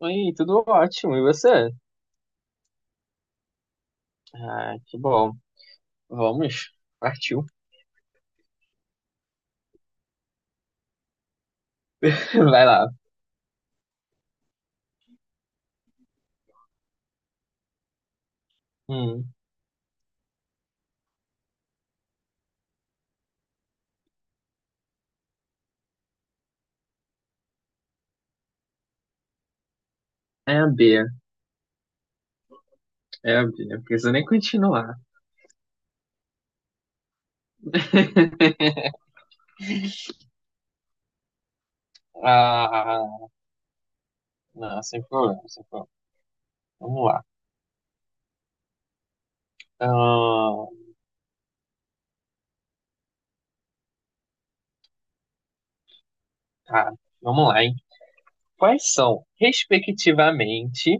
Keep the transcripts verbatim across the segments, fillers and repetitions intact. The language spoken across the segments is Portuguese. Oi, tudo ótimo. E você? Ah, que bom. Vamos. Partiu. Vai lá. Hum, é a B. É a B. Não precisa nem continuar. Ah, não, sem problema, sem problema. Vamos lá. Ah, tá, vamos lá, hein? Quais são, respectivamente,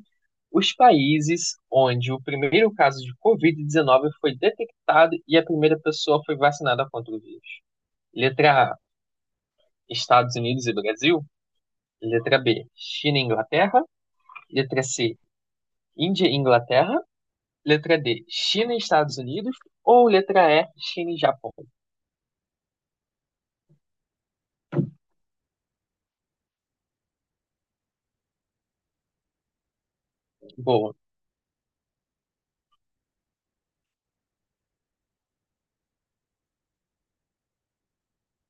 os países onde o primeiro caso de covid dezenove foi detectado e a primeira pessoa foi vacinada contra o vírus? Letra A, Estados Unidos e Brasil. Letra B, China e Inglaterra. Letra C, Índia e Inglaterra. Letra D, China e Estados Unidos. Ou letra E, China e Japão. Boa.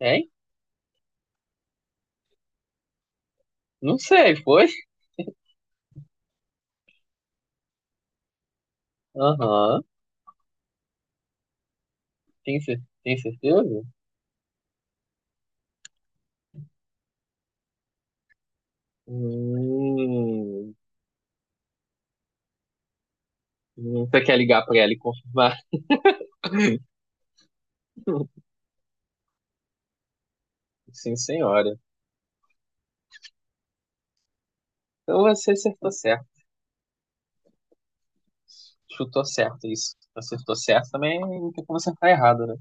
Hein? Não sei, foi? Aham. Tem, cer- tem certeza? Hum, você quer ligar pra ela e confirmar? Sim, senhora. Então você acertou certo. Chutou certo isso. Acertou certo também, não tem como acertar errado, né?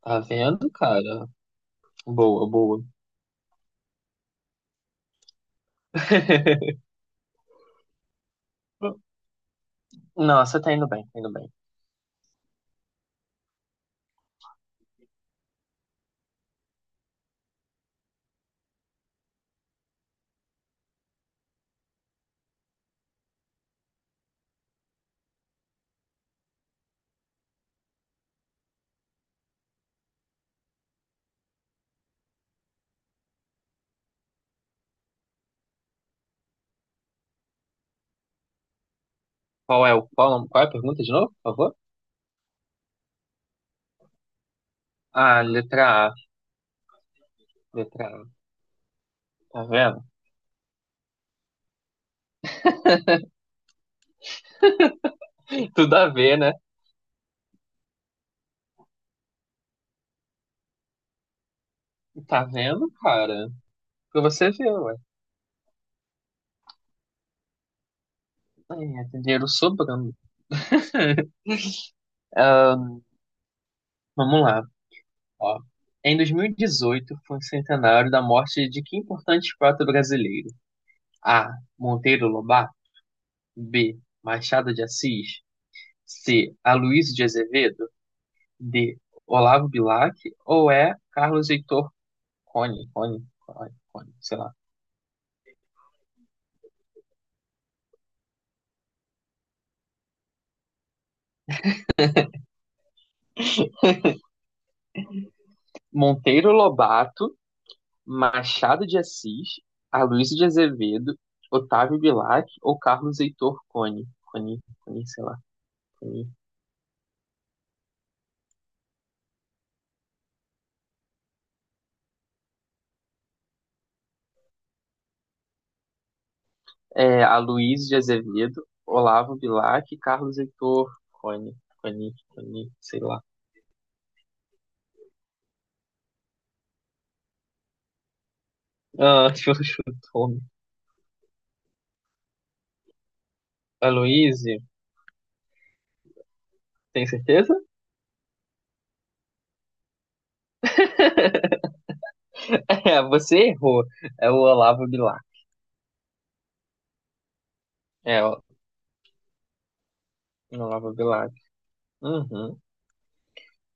Tá vendo, cara? Boa, boa. Não, você tá indo bem, tá indo bem. Qual é o qual, qual é a pergunta de novo, por favor? Ah, letra A, letra A. Tá vendo? Tudo a ver, né? Tá vendo, cara? Pra você ver, ué. É, dinheiro sobrando. Vamos lá, ó. Em dois mil e dezoito foi o centenário da morte de que importante poeta brasileiro? A. Monteiro Lobato. B. Machado de Assis. C. Aloysio de Azevedo. D. Olavo Bilac. Ou E. Carlos Heitor Cone, Cone, Cone, Cone, sei lá. Monteiro Lobato, Machado de Assis, Aloysio de Azevedo, Otávio Bilac ou Carlos Heitor Cone? Cone, Cone, sei lá, Cone. É, Aloysio de Azevedo, Olavo Bilac, e Carlos Heitor Cone, Cone, Cone, sei lá. Ah, deixa eu chutar. Aloysio, tem certeza? É, você errou. É o Olavo Bilac. É, o Olavo Bilac. Uhum.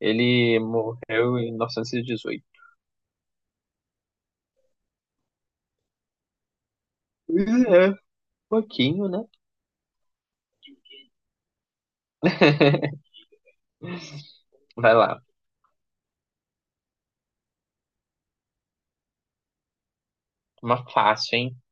Ele morreu em mil novecentos e dezoito. É, um pouquinho, né? Vai lá. Uma fácil, hein?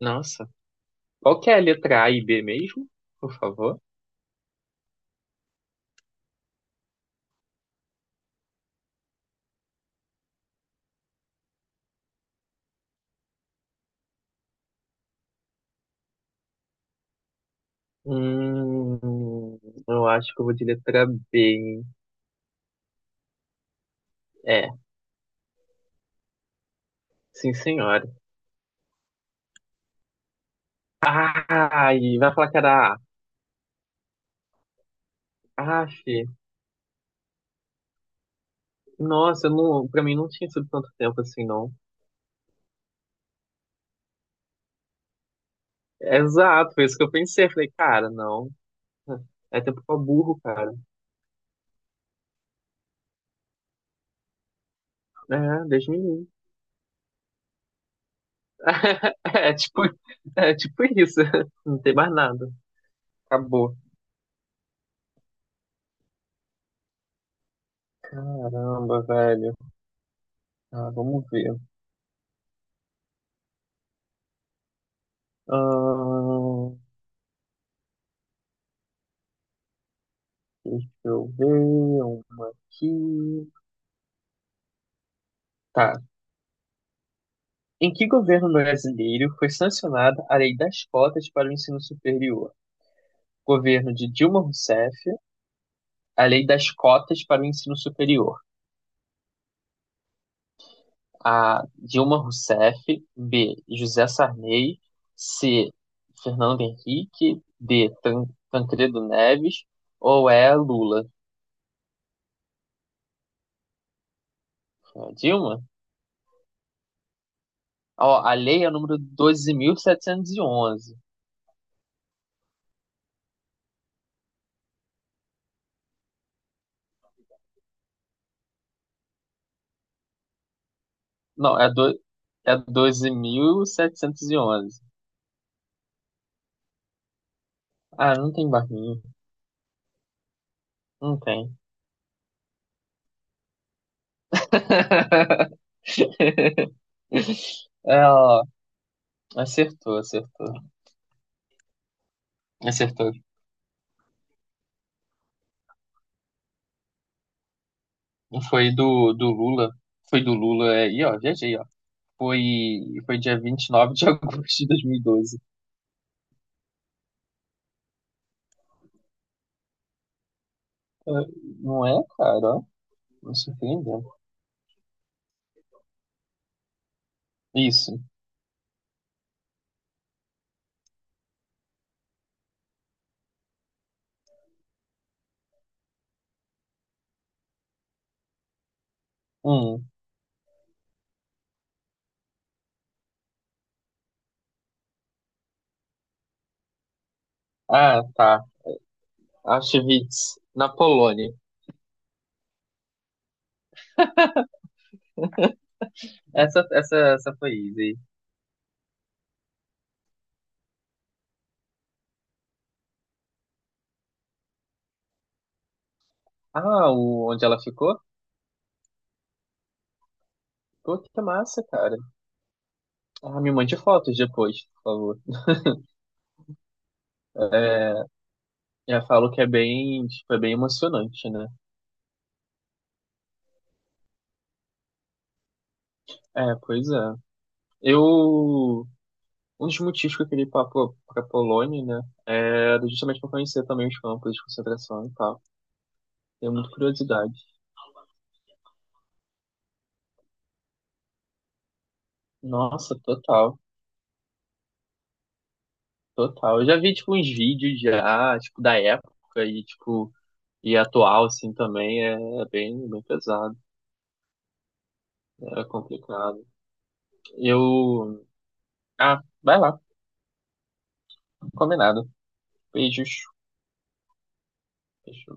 Nossa. Qual que é a letra A e B mesmo? Por favor. Hum, eu acho que eu vou de letra B, hein? É, sim, senhora. Ai, vai falar que era A. Aff, nossa, eu não, pra mim não tinha sido tanto tempo assim, não. Exato, foi isso que eu pensei. Falei, cara, não. É tempo pra burro, cara. É, Deus me livre. É tipo, é tipo isso. Não tem mais nada. Acabou. Caramba, velho. Ah, vamos ver. Ahn, Deixa eu ver uma aqui. Tá. Em que governo brasileiro foi sancionada a Lei das Cotas para o Ensino Superior? Governo de Dilma Rousseff, a Lei das Cotas para o Ensino Superior. A. Dilma Rousseff. B. José Sarney. C. Fernando Henrique. D. Tan- Tancredo Neves. Ou é Lula? Dilma? Ó, a lei é o número doze mil setecentos e onze. Não, é, do, é doze mil setecentos e onze. Ah, não tem barrinho. Não tem. É, ó, acertou, acertou. Acertou. Foi do, do Lula. Foi do Lula aí, ó. G G, ó. Foi, foi dia vinte e nove de agosto de dois mil e doze. É, não é, cara? Ó. Me surpreendeu. Isso. Hum. Ah, tá. Auschwitz, na Polônia. Essa, essa, essa foi easy. Ah, o, onde ela ficou? Pô, que massa, cara. Ah, me mande fotos depois, por favor. É, já falo que é bem, tipo, é bem emocionante, né? É, pois é. Eu, um dos motivos que eu queria ir pra, Po- pra Polônia, né, era justamente pra conhecer também os campos de concentração e tal. Tenho muita curiosidade. Nossa, total, total. Eu já vi, tipo, uns vídeos já, tipo, da época e, tipo, e atual, assim, também é é bem, bem pesado. É complicado. Eu... Ah, vai lá. Combinado. Beijos. Deixa